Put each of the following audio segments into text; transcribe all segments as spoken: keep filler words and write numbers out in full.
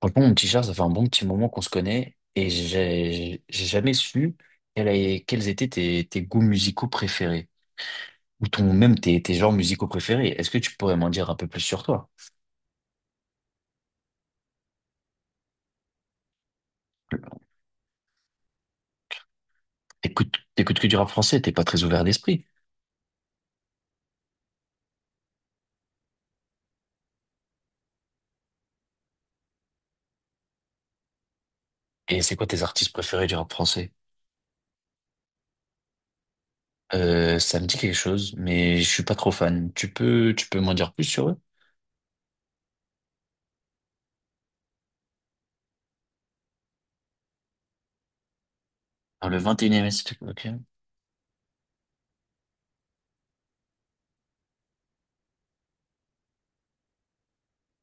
Franchement, mon petit Charles, ça fait un bon petit moment qu'on se connaît et j'ai j'ai jamais su quel est- quels étaient tes, tes goûts musicaux préférés ou ton même tes, tes genres musicaux préférés. Est-ce que tu pourrais m'en dire un peu plus sur toi? T'écoutes, t'écoutes que du rap français, t'es pas très ouvert d'esprit. Et c'est quoi tes artistes préférés du rap français? Euh, ça me dit quelque chose, mais je suis pas trop fan. Tu peux, tu peux m'en dire plus sur eux? Dans le vingt et unième siècle, ok.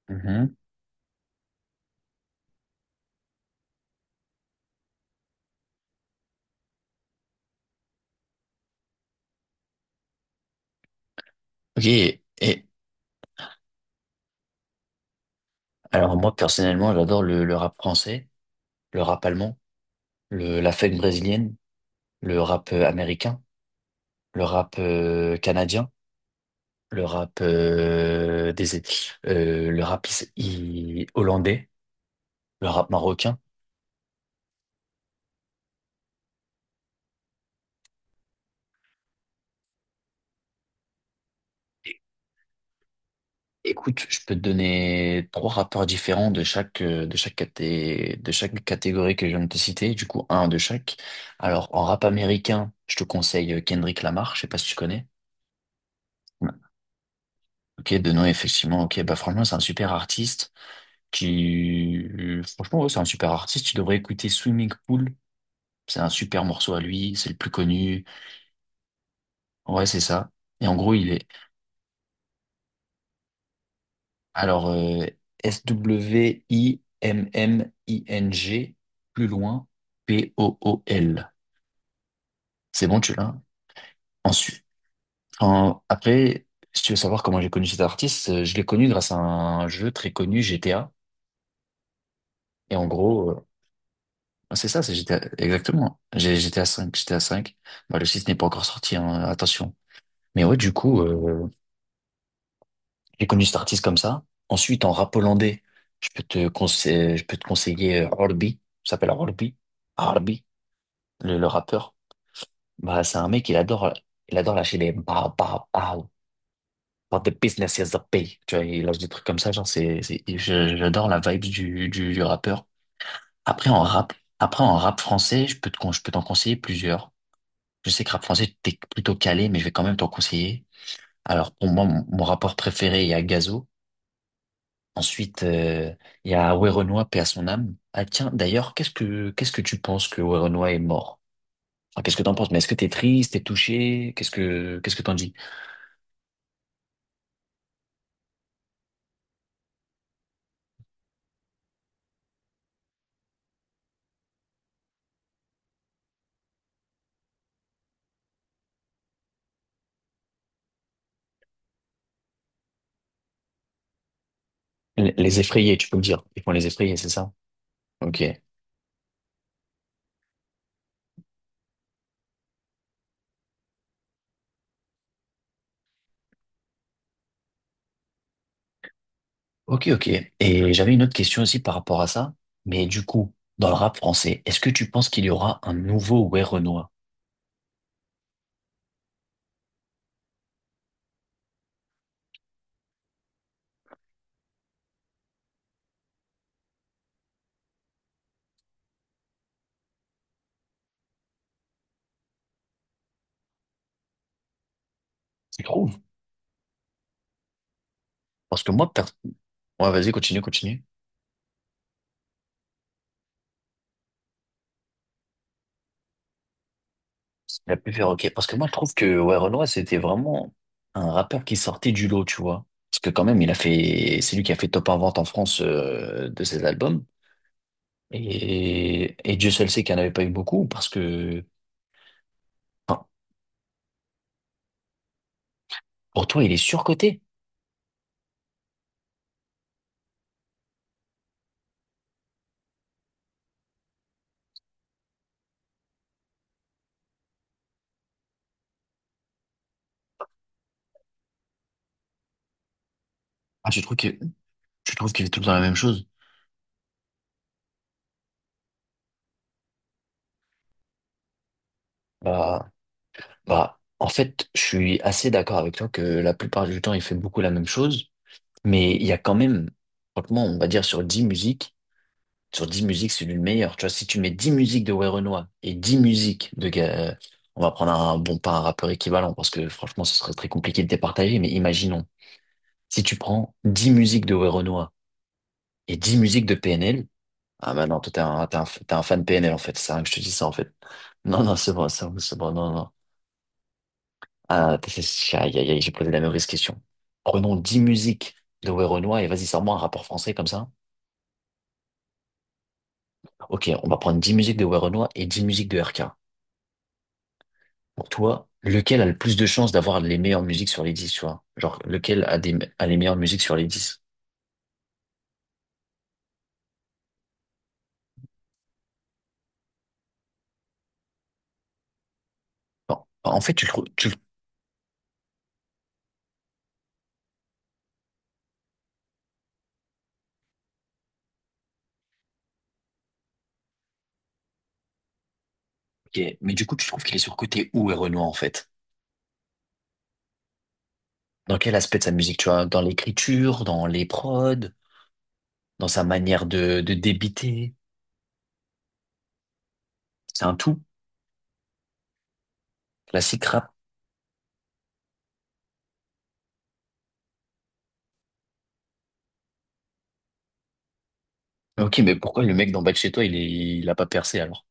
Mhm. Ok, et alors moi personnellement, j'adore le, le rap français, le rap allemand. le, la funk brésilienne, le rap euh, américain, le rap euh, canadien, le rap euh, des euh, le rap is- i- hollandais, le rap marocain. É- Écoute, je peux te donner trois rappeurs différents de chaque euh, de chaque caté- de chaque catégorie que je viens de te citer, du coup un de chaque. Alors en rap américain, je te conseille Kendrick Lamar, je sais pas si tu connais. Ouais. Ok, de nom effectivement, ok, bah franchement c'est un super artiste. Qui, euh, franchement, ouais, c'est un super artiste. Tu devrais écouter Swimming Pool. C'est un super morceau à lui. C'est le plus connu. Ouais, c'est ça. Et en gros, il est, alors, euh, S-W-I-M-M-I-N-G, plus loin, P-O-O-L. C'est bon, tu l'as? Hein. Ensuite. En- après, si tu veux savoir comment j'ai connu cet artiste, euh, je l'ai connu grâce à un jeu très connu, G T A. Et en gros, euh, c'est ça, c'est G T A, exactement. J'ai- G T A cinq, G T A cinq. Bah, le six n'est pas encore sorti, hein, attention. Mais ouais, du coup, euh, j'ai connu cet artiste comme ça. Ensuite, en rap hollandais, je peux te conseiller, je peux te conseiller euh, Orbi. Ça s'appelle Orbi. Orbi, le, le rappeur. Bah, c'est un mec, il adore, il adore lâcher des bah, bah, bah, but the business is the pay. Tu vois, il lâche des trucs comme ça, genre, c'est, c'est, je- j'adore la vibe du, du, du rappeur. Après, en rap, Après, en rap français, je peux te, con- je peux t'en conseiller plusieurs. Je sais que rap français, t'es plutôt calé, mais je vais quand même t'en conseiller. Alors, pour moi, mon, mon rappeur préféré, il y a Gazo. Ensuite, euh, il y a Werenoi, paix à son âme. Ah tiens, d'ailleurs, qu'est-ce que qu'est-ce que tu penses que Werenoi est mort? Enfin, qu'est-ce que t'en penses? Mais est-ce que t'es triste, t'es touché? Qu'est-ce que qu'est-ce que t'en dis? Les les effrayés, tu peux me dire. Ils font les effrayés, c'est ça? Ok. Ok, ok. Et j'avais une autre question aussi par rapport à ça. Mais du coup, dans le rap français, est-ce que tu penses qu'il y aura un nouveau Werenoi? Tu trouves? Parce que moi, per... ouais, vas-y, continue, continue. Il a pu faire OK. Parce que moi, je trouve que ouais, Renoir, c'était vraiment un rappeur qui sortait du lot, tu vois. Parce que quand même, il a fait, c'est lui qui a fait top un vente en France euh, de ses albums. Et, et Dieu seul sait qu'il n'y en avait pas eu beaucoup parce que, enfin, pour toi, il est surcoté. Ah, tu trouves que, tu trouves qu'il fait tout le temps la même chose? Bah, bah, en fait, je suis assez d'accord avec toi que la plupart du temps, il fait beaucoup la même chose. Mais il y a quand même, franchement, on va dire sur dix musiques, Sur dix musiques, c'est lui le meilleur. Tu vois, si tu mets dix musiques de Werenoi et dix musiques de... Ga- euh, on va prendre un, bon, pas un rappeur équivalent, parce que franchement, ce serait très compliqué de départager, mais imaginons, si tu prends dix musiques de Werenoi et dix musiques de P N L, ah bah non, toi, t'es un, t'es un, t'es un fan P N L, en fait. C'est rien que je te dis ça, en fait. Non, non, c'est bon, c'est bon, c'est bon, non, non. Ah, t'es- c'est- aïe, aïe, aïe, j'ai posé la mauvaise question. Prenons dix musiques de Werenoi et vas-y, sors-moi un rapport français comme ça. Ok, on va prendre dix musiques de Werenoi et dix musiques de R K. Pour toi, lequel a le plus de chances d'avoir les meilleures musiques sur les dix, tu vois? Genre, lequel a des, a les meilleures musiques sur les dix? Bon, en fait, tu le trouves, tu le- ok, mais du coup, tu trouves qu'il est surcoté où, Renoir, en fait? Dans quel aspect de sa musique, tu vois? Dans l'écriture, dans les prods, dans sa manière de, de débiter? C'est un tout. Classique rap. Ok, mais pourquoi le mec d'en bas de chez toi, il est, il a pas percé, alors?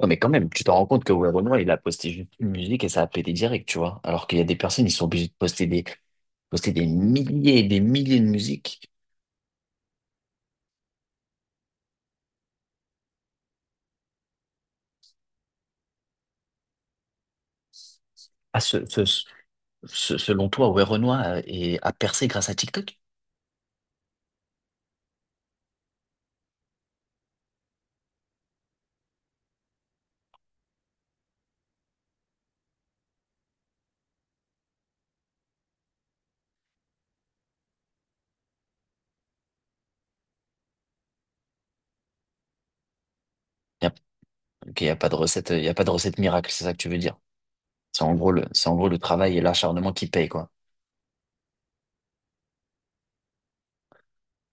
Non mais quand même, tu te rends compte que ouais, Renoir, il a posté juste une musique et ça a pété direct, tu vois. Alors qu'il y a des personnes, ils sont obligés de poster des, poster des milliers et des milliers de musiques. Ah, ce, ce- ce- selon toi, ouais, Renoir a, et a percé grâce à TikTok? Il y a, ok, y a pas de recette, il y a pas de recette miracle, c'est ça que tu veux dire. C'est en gros le, c'est en gros le travail et l'acharnement qui paye, quoi.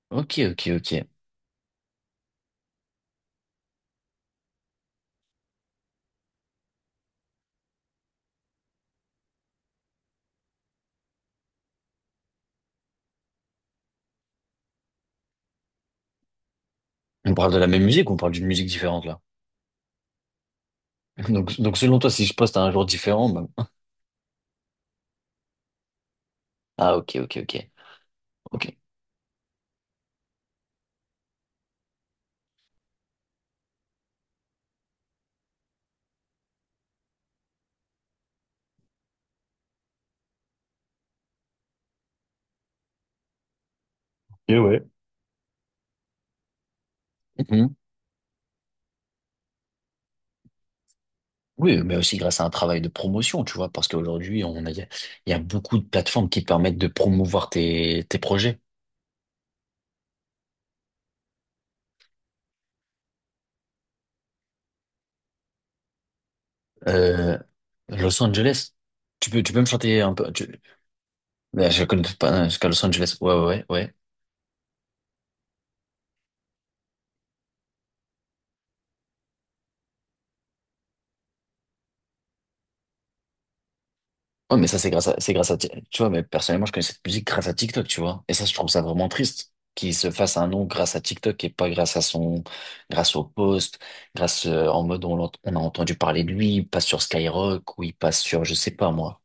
Ok, ok, ok. On parle de la même musique ou on parle d'une musique différente, là? Donc, donc selon toi, si je poste à un jour différent, bah- ah, ok, ok, ok, ok. Et ouais. Oui, mais aussi grâce à un travail de promotion, tu vois, parce qu'aujourd'hui, on a, il y a beaucoup de plateformes qui te permettent de promouvoir tes, tes projets. Euh, Los Angeles, tu peux, tu peux me chanter un peu, tu, Mais je connais pas, hein, jusqu'à Los Angeles, ouais, ouais, ouais. Ouais, Ouais, mais ça, c'est grâce à, c'est grâce à, Ti- tu vois, mais personnellement, je connais cette musique grâce à TikTok, tu vois. Et ça, je trouve ça vraiment triste qu'il se fasse un nom grâce à TikTok et pas grâce à son, grâce au post, grâce, euh, en mode, on, l'ent- on a entendu parler de lui, il passe sur Skyrock ou il passe sur, je sais pas, moi.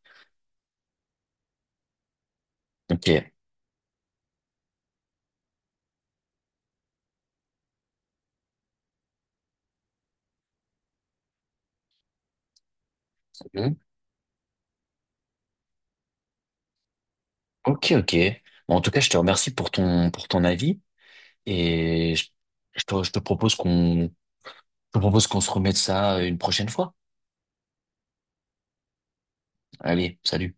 Ok. Ok, ok. Bon, en tout cas, je te remercie pour ton, pour ton avis et je, je te, je te propose qu'on, je te propose qu'on se remette ça une prochaine fois. Allez, salut.